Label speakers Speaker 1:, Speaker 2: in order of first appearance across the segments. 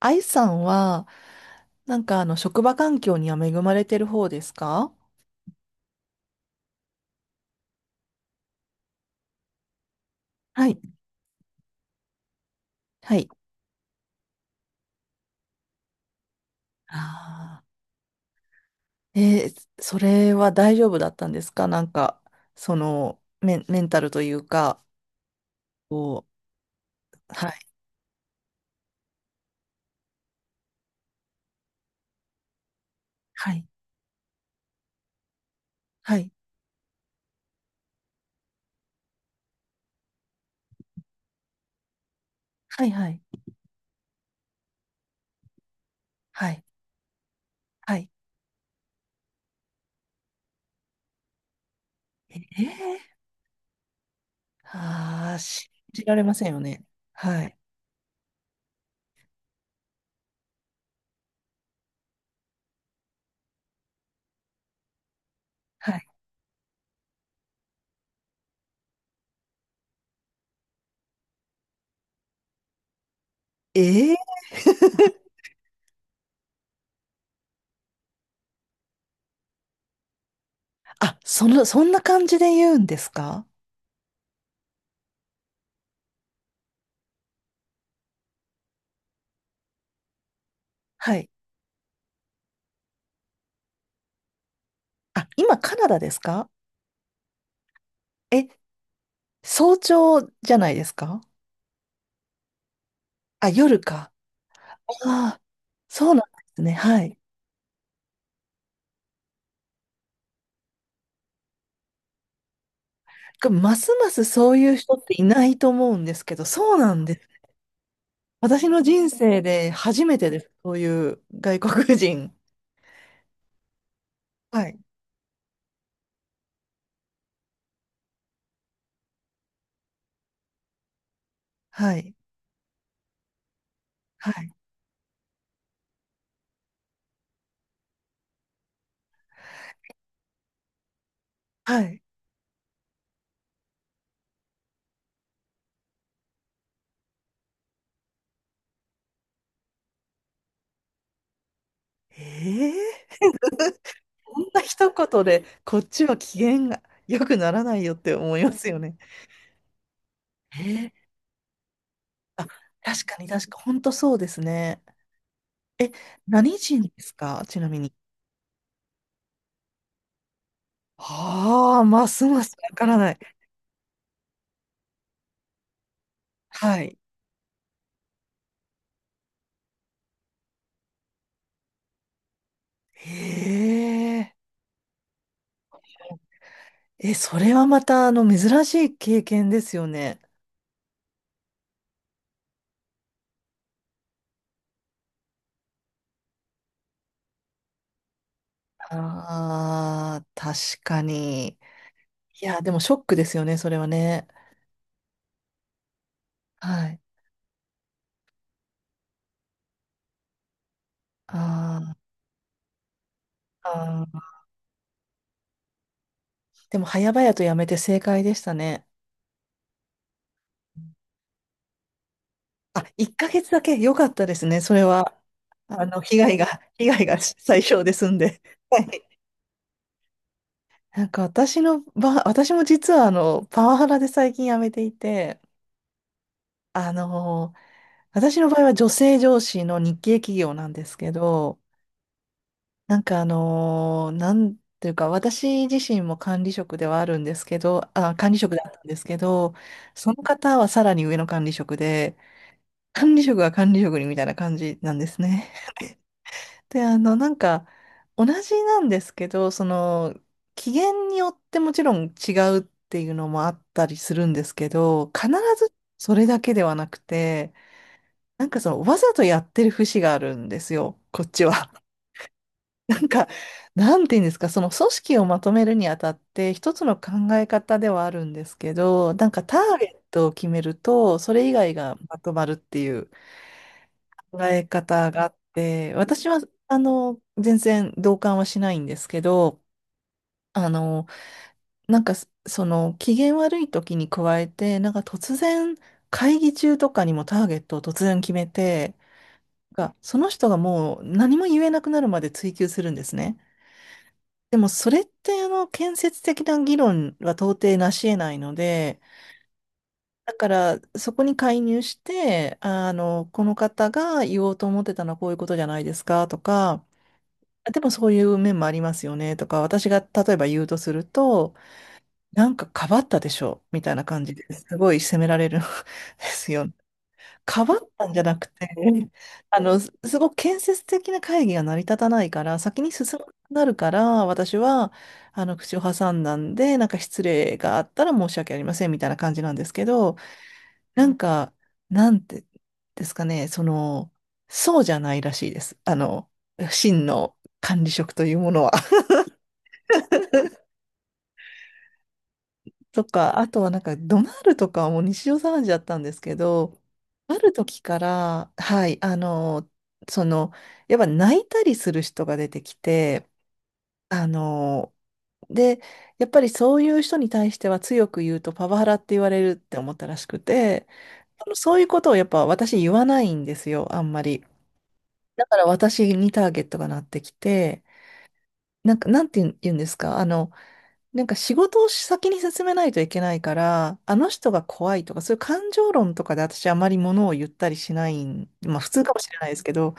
Speaker 1: 愛さんは、職場環境には恵まれてる方ですか？はい。はい。あー、えー、それは大丈夫だったんですか？なんか、その、メンタルというか、こう、はい。はい。はい。はい。はい。はい。はい。ええ、ああー、信じられませんよね。はい。はい。ええ。 あ、その、そんな感じで言うんですか？はい。あ、今カナダですか？え、早朝じゃないですか？あ、夜か。ああ、そうなんですね。はい。これますますそういう人っていないと思うんですけど、そうなんです。私の人生で初めてです。そういう外国人。はい。はい。はい。はい。ええ。こんな一言で、こっちは機嫌が良くならないよって思いますよね。ええ、あ、確かに確か、本当そうですね。え、何人ですか、ちなみに。はあ、ますますわからない。はい。へえ。え、それはまた、あの、珍しい経験ですよね。ああ、確かに。いや、でもショックですよね、それはね。はい。あー、あー、でも、早々とやめて正解でしたね。あ、1ヶ月だけ良かったですね、それは。あの、被害が、被害が最小で済んで。はい。なんか私の場合、私も実はあの、パワハラで最近辞めていて、あの、私の場合は女性上司の日系企業なんですけど、なんていうか、私自身も管理職ではあるんですけど、あ、管理職だったんですけど、その方はさらに上の管理職で、管理職は管理職にみたいな感じなんですね。で、あの、なんか、同じなんですけど、その、機嫌によってもちろん違うっていうのもあったりするんですけど、必ずそれだけではなくて、なんかその、わざとやってる節があるんですよ、こっちは。なんか、なんて言うんですか、その組織をまとめるにあたって、一つの考え方ではあるんですけど、なんかターゲットを決めると、それ以外がまとまるっていう考え方があって、私は、あの、全然同感はしないんですけど、あの、なんか、その、機嫌悪い時に加えて、なんか突然、会議中とかにもターゲットを突然決めて、が、その人がもう何も言えなくなるまで追求するんですね。でもそれってあの建設的な議論は到底なし得ないので、だからそこに介入して、あの、この方が言おうと思ってたのはこういうことじゃないですかとか、でもそういう面もありますよねとか、私が例えば言うとすると、なんかかばったでしょみたいな感じですごい責められるん ですよね。かばったんじゃなくて、あの、すごく建設的な会議が成り立たないから、先に進まなくなるから、私は、あの、口を挟んだんで、なんか失礼があったら申し訳ありません、みたいな感じなんですけど、なんか、なんてですかね、その、そうじゃないらしいです。あの、真の管理職というものは。とか、あとはなんか、ドナルとかはもう日常茶飯事だったんですけど、ある時から、はい、あの、その、やっぱ泣いたりする人が出てきて、あの、で、やっぱりそういう人に対しては強く言うとパワハラって言われるって思ったらしくて、あのそういうことをやっぱ私言わないんですよ、あんまり。だから私にターゲットがなってきて、なんか、なんて言うんですか、あの、なんか仕事を先に進めないといけないから、あの人が怖いとか、そういう感情論とかで私あまりものを言ったりしないん、まあ普通かもしれないですけど、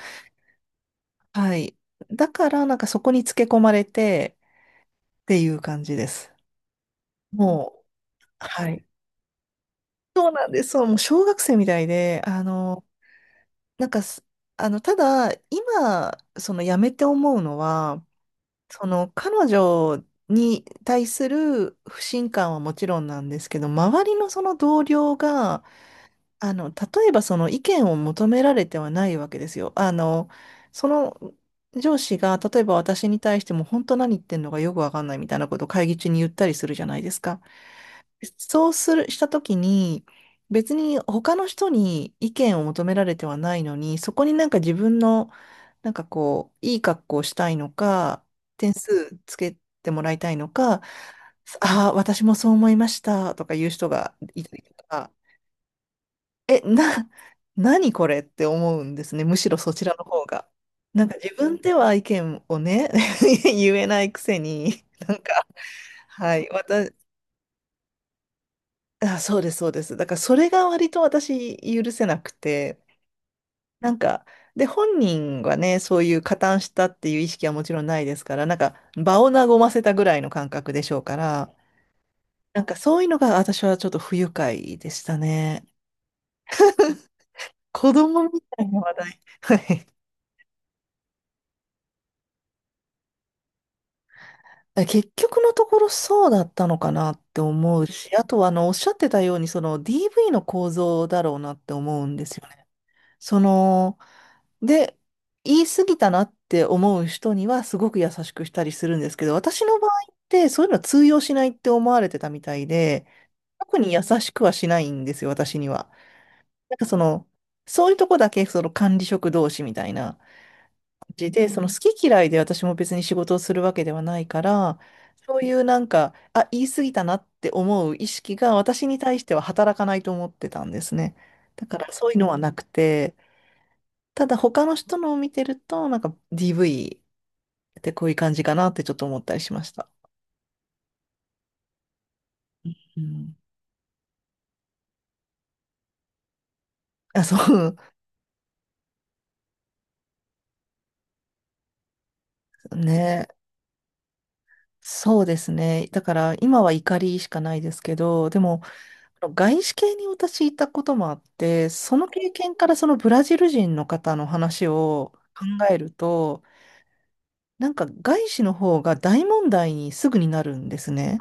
Speaker 1: はい。だからなんかそこにつけ込まれてっていう感じです。もう、はい。なんで、そう、もう小学生みたいで、あの、なんかす、あの、ただ、今、その辞めて思うのは、その彼女に対する不信感はもちろんなんですけど、周りのその同僚が、あの、例えばその意見を求められてはないわけですよ。あの、その上司が、例えば私に対しても本当何言ってんのかよくわかんないみたいなことを会議中に言ったりするじゃないですか。そうする、したときに、別に他の人に意見を求められてはないのに、そこになんか自分の、なんかこう、いい格好をしたいのか、点数つけてもらいたいのか、ああ、私もそう思いましたとか言う人がいたりとか。え、何これって思うんですね。むしろそちらの方が。なんか自分では意見をね、言えないくせに、なんか、はい、私、あ、そうです、そうです。だからそれが割と私許せなくて、なんか、で、本人がね、そういう加担したっていう意識はもちろんないですから、なんか場を和ませたぐらいの感覚でしょうから、なんかそういうのが私はちょっと不愉快でしたね。子供みたいな話題。はい。え、結局のところそうだったのかなって思うし、あとはあのおっしゃってたように、その DV の構造だろうなって思うんですよね。その、で、言い過ぎたなって思う人にはすごく優しくしたりするんですけど、私の場合ってそういうのは通用しないって思われてたみたいで、特に優しくはしないんですよ、私には。なんかその、そういうとこだけその管理職同士みたいな。じで、その好き嫌いで私も別に仕事をするわけではないから、そういうなんか、あ、言い過ぎたなって思う意識が私に対しては働かないと思ってたんですね。だからそういうのはなくて、ただ他の人のを見てると、なんか DV ってこういう感じかなってちょっと思ったりしました。うん。あ、そう。ね。そうですね。だから今は怒りしかないですけど、でも、外資系に私いたこともあって、その経験からそのブラジル人の方の話を考えると、なんか外資の方が大問題にすぐになるんですね。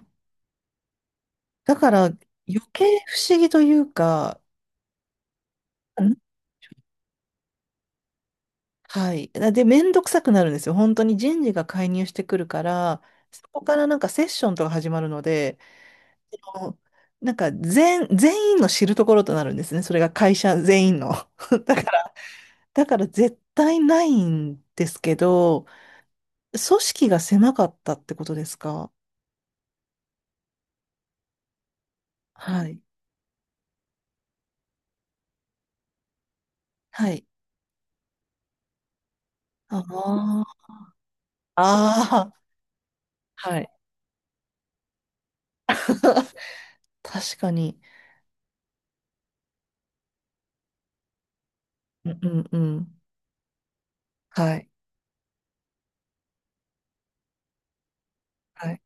Speaker 1: だから余計不思議というか、ん、はい。で、めんどくさくなるんですよ。本当に人事が介入してくるから、そこからなんかセッションとか始まるので、あの、なんか全員の知るところとなるんですね。それが会社全員の。だだから絶対ないんですけど、組織が狭かったってことですか？はい。はい。ああ。ああ。はい。確かに。うんうんうん。はい。はい。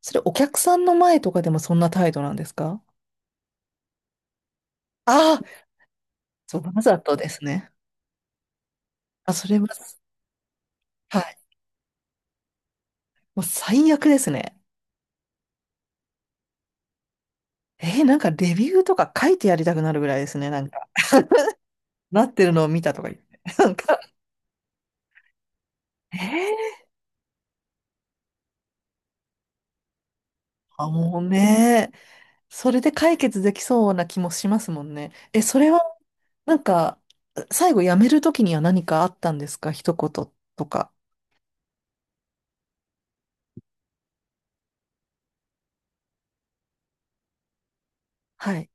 Speaker 1: それお客さんの前とかでもそんな態度なんですか？ああー、そう、わざとですね。あ、それは、はい。もう最悪ですね。えー、なんかレビューとか書いてやりたくなるぐらいですね、なんか。なってるのを見たとか言って。なんか、えー、あ、もうね、それで解決できそうな気もしますもんね。え、それは、なんか、最後辞めるときには何かあったんですか、一言とか。はい。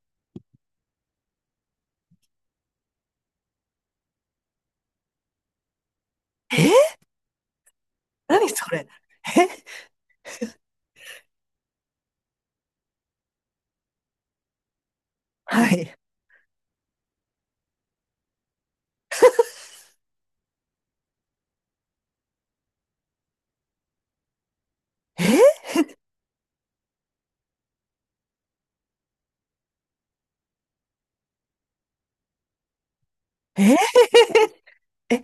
Speaker 1: えー、何それ。え、はい。えー、えー、え、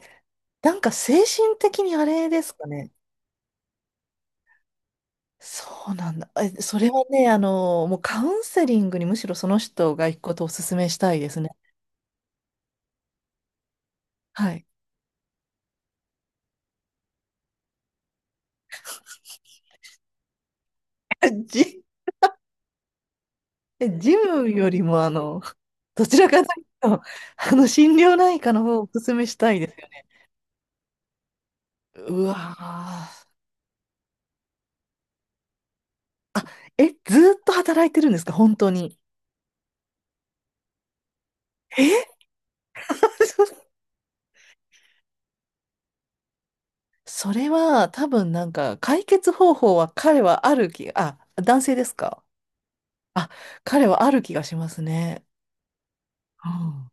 Speaker 1: なんか精神的にあれですかね。そうなんだ。え、それはね、あの、もうカウンセリングにむしろその人が行くことをお勧めしたいですね。はい。人でジムよりも、あの、どちらかというと、あの、心療内科の方をお勧めしたいですよね。うわー。あ、え、ずーっと働いてるんですか、本当に。え、 それは、多分なんか、解決方法は彼はある気、あ、男性ですか？あ、彼はある気がしますね。うん。